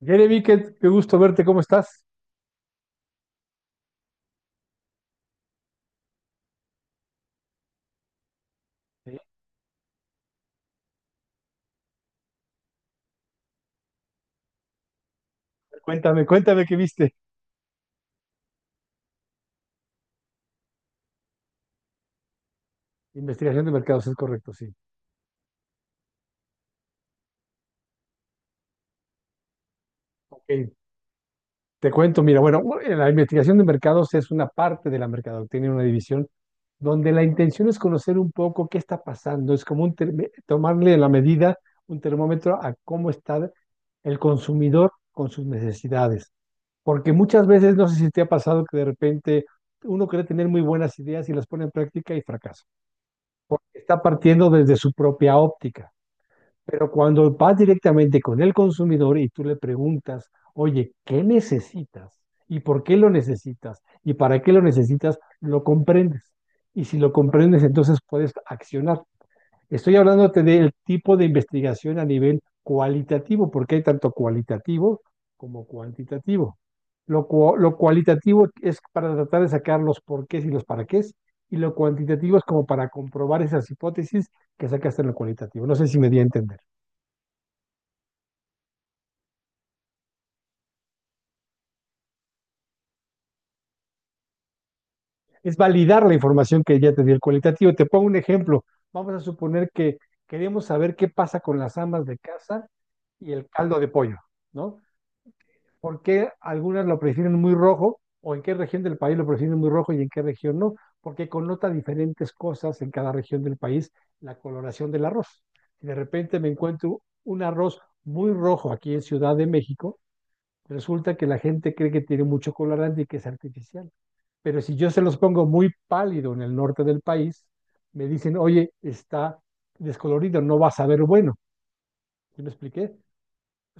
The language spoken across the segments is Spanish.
Jeremy, qué gusto verte, ¿cómo estás? Sí. Cuéntame, cuéntame qué viste. Investigación de mercados, es correcto, sí. Ok, te cuento, mira, bueno, bueno, la investigación de mercados es una parte de la mercadotecnia, una división donde la intención es conocer un poco qué está pasando, es como tomarle la medida, un termómetro a cómo está el consumidor con sus necesidades. Porque muchas veces, no sé si te ha pasado que de repente uno cree tener muy buenas ideas y las pone en práctica y fracasa. Está partiendo desde su propia óptica. Pero cuando vas directamente con el consumidor y tú le preguntas, oye, ¿qué necesitas? ¿Y por qué lo necesitas? ¿Y para qué lo necesitas? Lo comprendes. Y si lo comprendes, entonces puedes accionar. Estoy hablándote del tipo de investigación a nivel cualitativo, porque hay tanto cualitativo como cuantitativo. Lo cualitativo es para tratar de sacar los porqués y los para qués, y lo cuantitativo es como para comprobar esas hipótesis que sacaste en lo cualitativo. No sé si me di a entender. Es validar la información que ya te dio el cualitativo. Te pongo un ejemplo. Vamos a suponer que queremos saber qué pasa con las amas de casa y el caldo de pollo, ¿no? ¿Por qué algunas lo prefieren muy rojo o en qué región del país lo prefieren muy rojo y en qué región no? Porque connota diferentes cosas en cada región del país la coloración del arroz. Si de repente me encuentro un arroz muy rojo aquí en Ciudad de México, resulta que la gente cree que tiene mucho colorante y que es artificial. Pero si yo se los pongo muy pálido en el norte del país, me dicen, oye, está descolorido, no vas a ver bueno. ¿Sí me expliqué?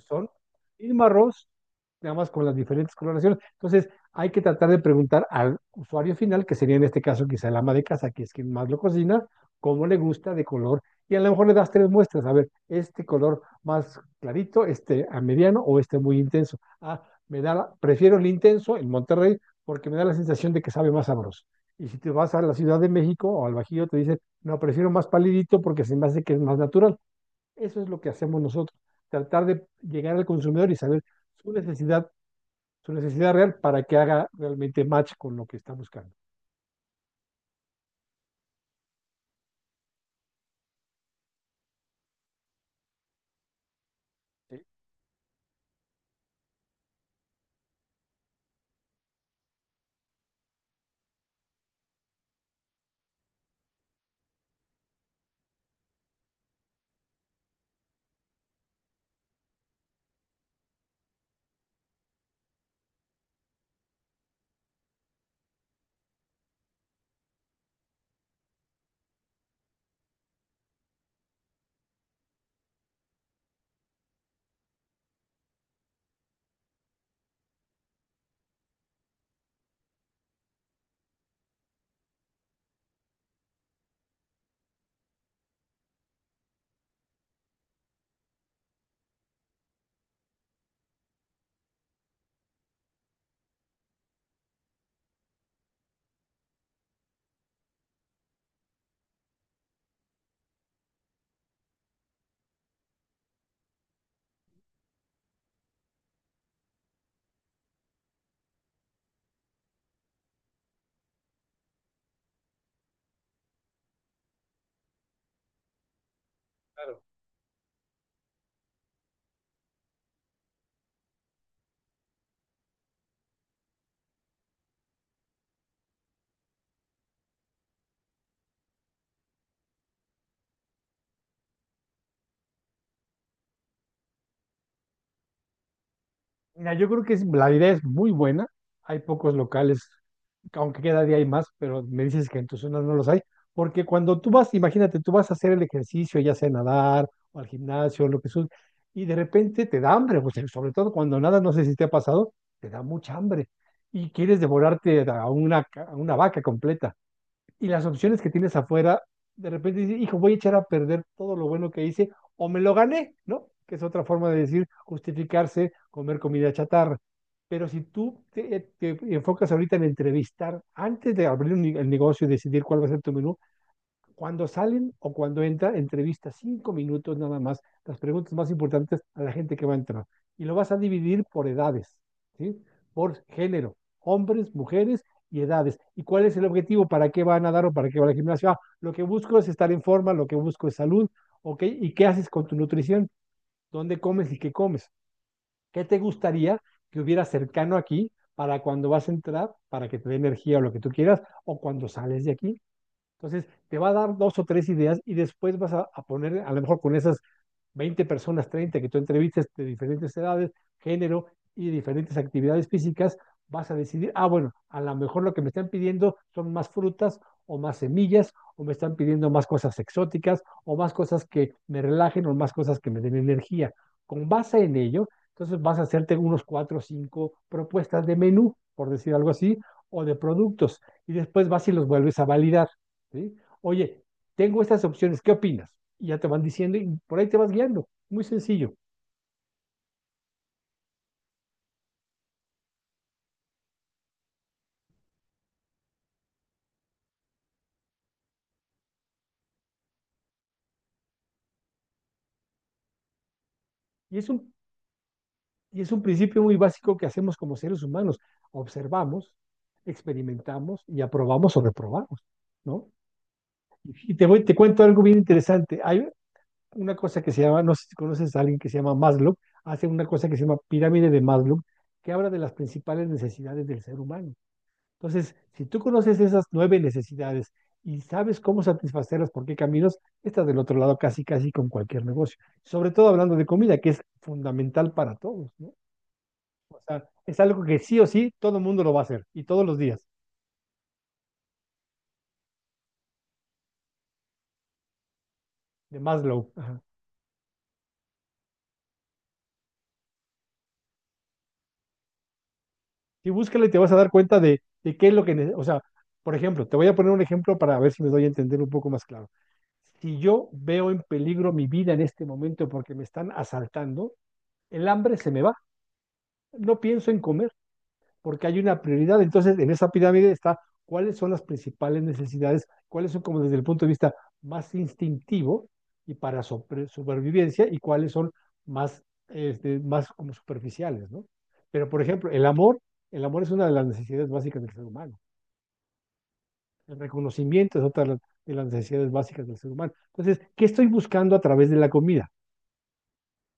Son el mismo arroz, nada más con las diferentes coloraciones. Entonces, hay que tratar de preguntar al usuario final, que sería en este caso quizá el ama de casa, que es quien más lo cocina, cómo le gusta de color. Y a lo mejor le das tres muestras, a ver, este color más clarito, este a mediano o este muy intenso. Ah, prefiero el intenso en Monterrey porque me da la sensación de que sabe más sabroso. Y si te vas a la Ciudad de México o al Bajío, te dicen, no, prefiero más palidito porque se me hace que es más natural. Eso es lo que hacemos nosotros, tratar de llegar al consumidor y saber su necesidad, su necesidad real para que haga realmente match con lo que está buscando. Sí, claro. Mira, yo creo que la idea es muy buena. Hay pocos locales, aunque cada día hay más, pero me dices que en tu zona no los hay. Porque cuando tú vas, imagínate, tú vas a hacer el ejercicio, ya sea nadar o al gimnasio, lo que sea, y de repente te da hambre, pues, sobre todo cuando nada, no sé si te ha pasado, te da mucha hambre y quieres devorarte a una vaca completa. Y las opciones que tienes afuera, de repente dices, hijo, voy a echar a perder todo lo bueno que hice o me lo gané, ¿no? Que es otra forma de decir justificarse, comer comida chatarra. Pero si tú te enfocas ahorita en entrevistar, antes de abrir el negocio y decidir cuál va a ser tu menú, cuando salen o cuando entra, entrevista 5 minutos nada más, las preguntas más importantes a la gente que va a entrar. Y lo vas a dividir por edades, ¿sí? Por género, hombres, mujeres y edades. ¿Y cuál es el objetivo? ¿Para qué van a dar o para qué va al gimnasio? Ah, lo que busco es estar en forma, lo que busco es salud, ¿ok? ¿Y qué haces con tu nutrición? ¿Dónde comes y qué comes? ¿Qué te gustaría que hubiera cercano aquí para cuando vas a entrar, para que te dé energía o lo que tú quieras, o cuando sales de aquí? Entonces, te va a dar dos o tres ideas y después vas a poner, a lo mejor con esas 20 personas, 30 que tú entrevistas de diferentes edades, género y diferentes actividades físicas, vas a decidir, ah, bueno, a lo mejor lo que me están pidiendo son más frutas o más semillas, o me están pidiendo más cosas exóticas, o más cosas que me relajen, o más cosas que me den energía. Con base en ello, entonces vas a hacerte unos cuatro o cinco propuestas de menú, por decir algo así, o de productos, y después vas y los vuelves a validar. ¿Sí? Oye, tengo estas opciones, ¿qué opinas? Y ya te van diciendo y por ahí te vas guiando. Muy sencillo. Y es un, y es un principio muy básico que hacemos como seres humanos. Observamos, experimentamos y aprobamos o reprobamos, ¿no? Y te cuento algo bien interesante. Hay una cosa que se llama, no sé si conoces a alguien que se llama Maslow, hace una cosa que se llama pirámide de Maslow, que habla de las principales necesidades del ser humano. Entonces, si tú conoces esas nueve necesidades y sabes cómo satisfacerlas, por qué caminos, estás del otro lado casi, casi con cualquier negocio. Sobre todo hablando de comida, que es fundamental para todos, ¿no? O sea, es algo que sí o sí todo el mundo lo va a hacer y todos los días, de Maslow. Ajá. Y búscala y te vas a dar cuenta de qué es lo que, o sea, por ejemplo, te voy a poner un ejemplo para ver si me doy a entender un poco más claro. Si yo veo en peligro mi vida en este momento porque me están asaltando, el hambre se me va. No pienso en comer porque hay una prioridad. Entonces, en esa pirámide está cuáles son las principales necesidades, cuáles son como desde el punto de vista más instintivo y para supervivencia y cuáles son más, este, más como superficiales, ¿no? Pero, por ejemplo, el amor es una de las necesidades básicas del ser humano. El reconocimiento es otra de las necesidades básicas del ser humano. Entonces, ¿qué estoy buscando a través de la comida?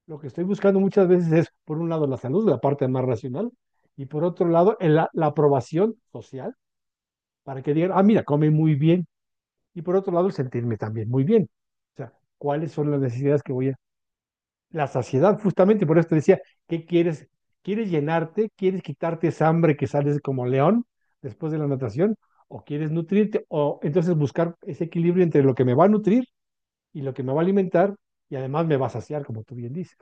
Lo que estoy buscando muchas veces es, por un lado, la salud, la parte más racional, y por otro lado, la aprobación social, para que digan, ah, mira, come muy bien. Y por otro lado, el sentirme también muy bien. O sea, ¿cuáles son las necesidades que voy a... La saciedad, justamente, por eso te decía, ¿qué quieres? ¿Quieres llenarte? ¿Quieres quitarte esa hambre que sales como león después de la natación? ¿O quieres nutrirte? O entonces buscar ese equilibrio entre lo que me va a nutrir y lo que me va a alimentar y además me va a saciar, como tú bien dices.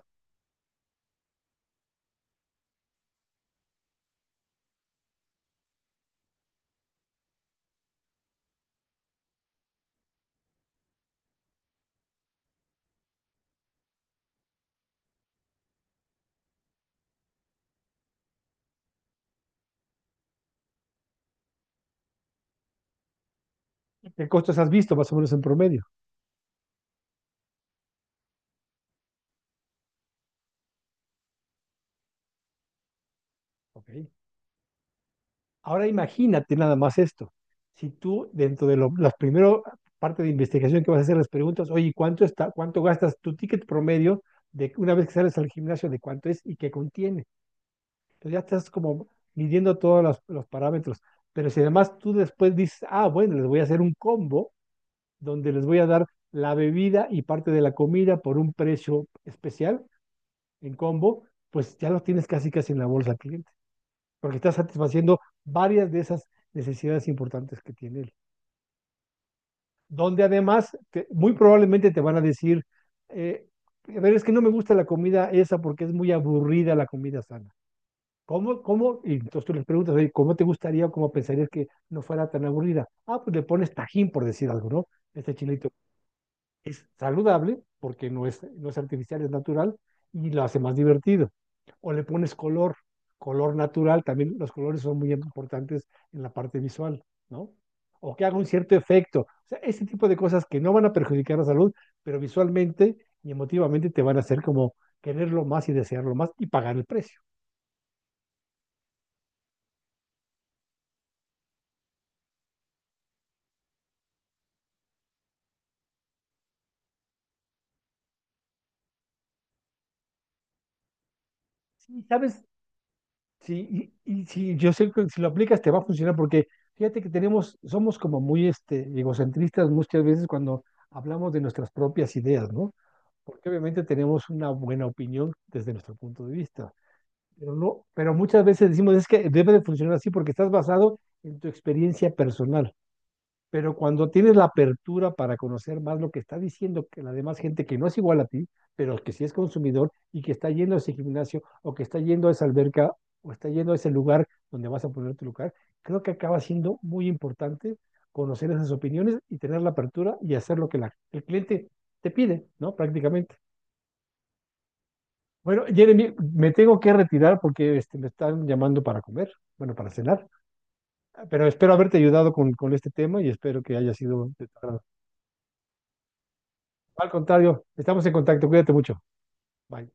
¿Qué costos has visto más o menos en promedio? Ok. Ahora imagínate nada más esto. Si tú dentro de la primera parte de investigación que vas a hacer las preguntas, oye, ¿cuánto está, cuánto gastas tu ticket promedio de una vez que sales al gimnasio de cuánto es y qué contiene? Entonces ya estás como midiendo todos los parámetros. Pero si además tú después dices, ah, bueno, les voy a hacer un combo donde les voy a dar la bebida y parte de la comida por un precio especial en combo, pues ya lo tienes casi casi en la bolsa aquí porque está satisfaciendo varias de esas necesidades importantes que tiene él. Donde además, muy probablemente te van a decir, eh, a ver, es que no me gusta la comida esa porque es muy aburrida la comida sana. ¿Cómo, cómo? Y entonces tú les preguntas, oye, ¿cómo te gustaría o cómo pensarías que no fuera tan aburrida? Ah, pues le pones tajín, por decir algo, ¿no? Este chilito es saludable porque no es artificial, es natural y lo hace más divertido. O le pones color, color natural, también los colores son muy importantes en la parte visual, ¿no? O que haga un cierto efecto. O sea, ese tipo de cosas que no van a perjudicar la salud, pero visualmente y emotivamente te van a hacer como quererlo más y desearlo más y pagar el precio. Sí, ¿sabes? Sí, y sí, yo sé que si lo aplicas te va a funcionar porque fíjate que tenemos, somos como muy egocentristas muchas veces cuando hablamos de nuestras propias ideas, ¿no? Porque obviamente tenemos una buena opinión desde nuestro punto de vista, pero no, pero muchas veces decimos es que debe de funcionar así porque estás basado en tu experiencia personal. Pero cuando tienes la apertura para conocer más lo que está diciendo que la demás gente que no es igual a ti, pero que sí es consumidor y que está yendo a ese gimnasio o que está yendo a esa alberca o está yendo a ese lugar donde vas a poner tu lugar, creo que acaba siendo muy importante conocer esas opiniones y tener la apertura y hacer lo que el cliente te pide, ¿no? Prácticamente. Bueno, Jeremy, me tengo que retirar porque este, me están llamando para comer, bueno, para cenar, pero espero haberte ayudado con este tema y espero que haya sido de tu agrado. Al contrario, estamos en contacto. Cuídate mucho. Bye.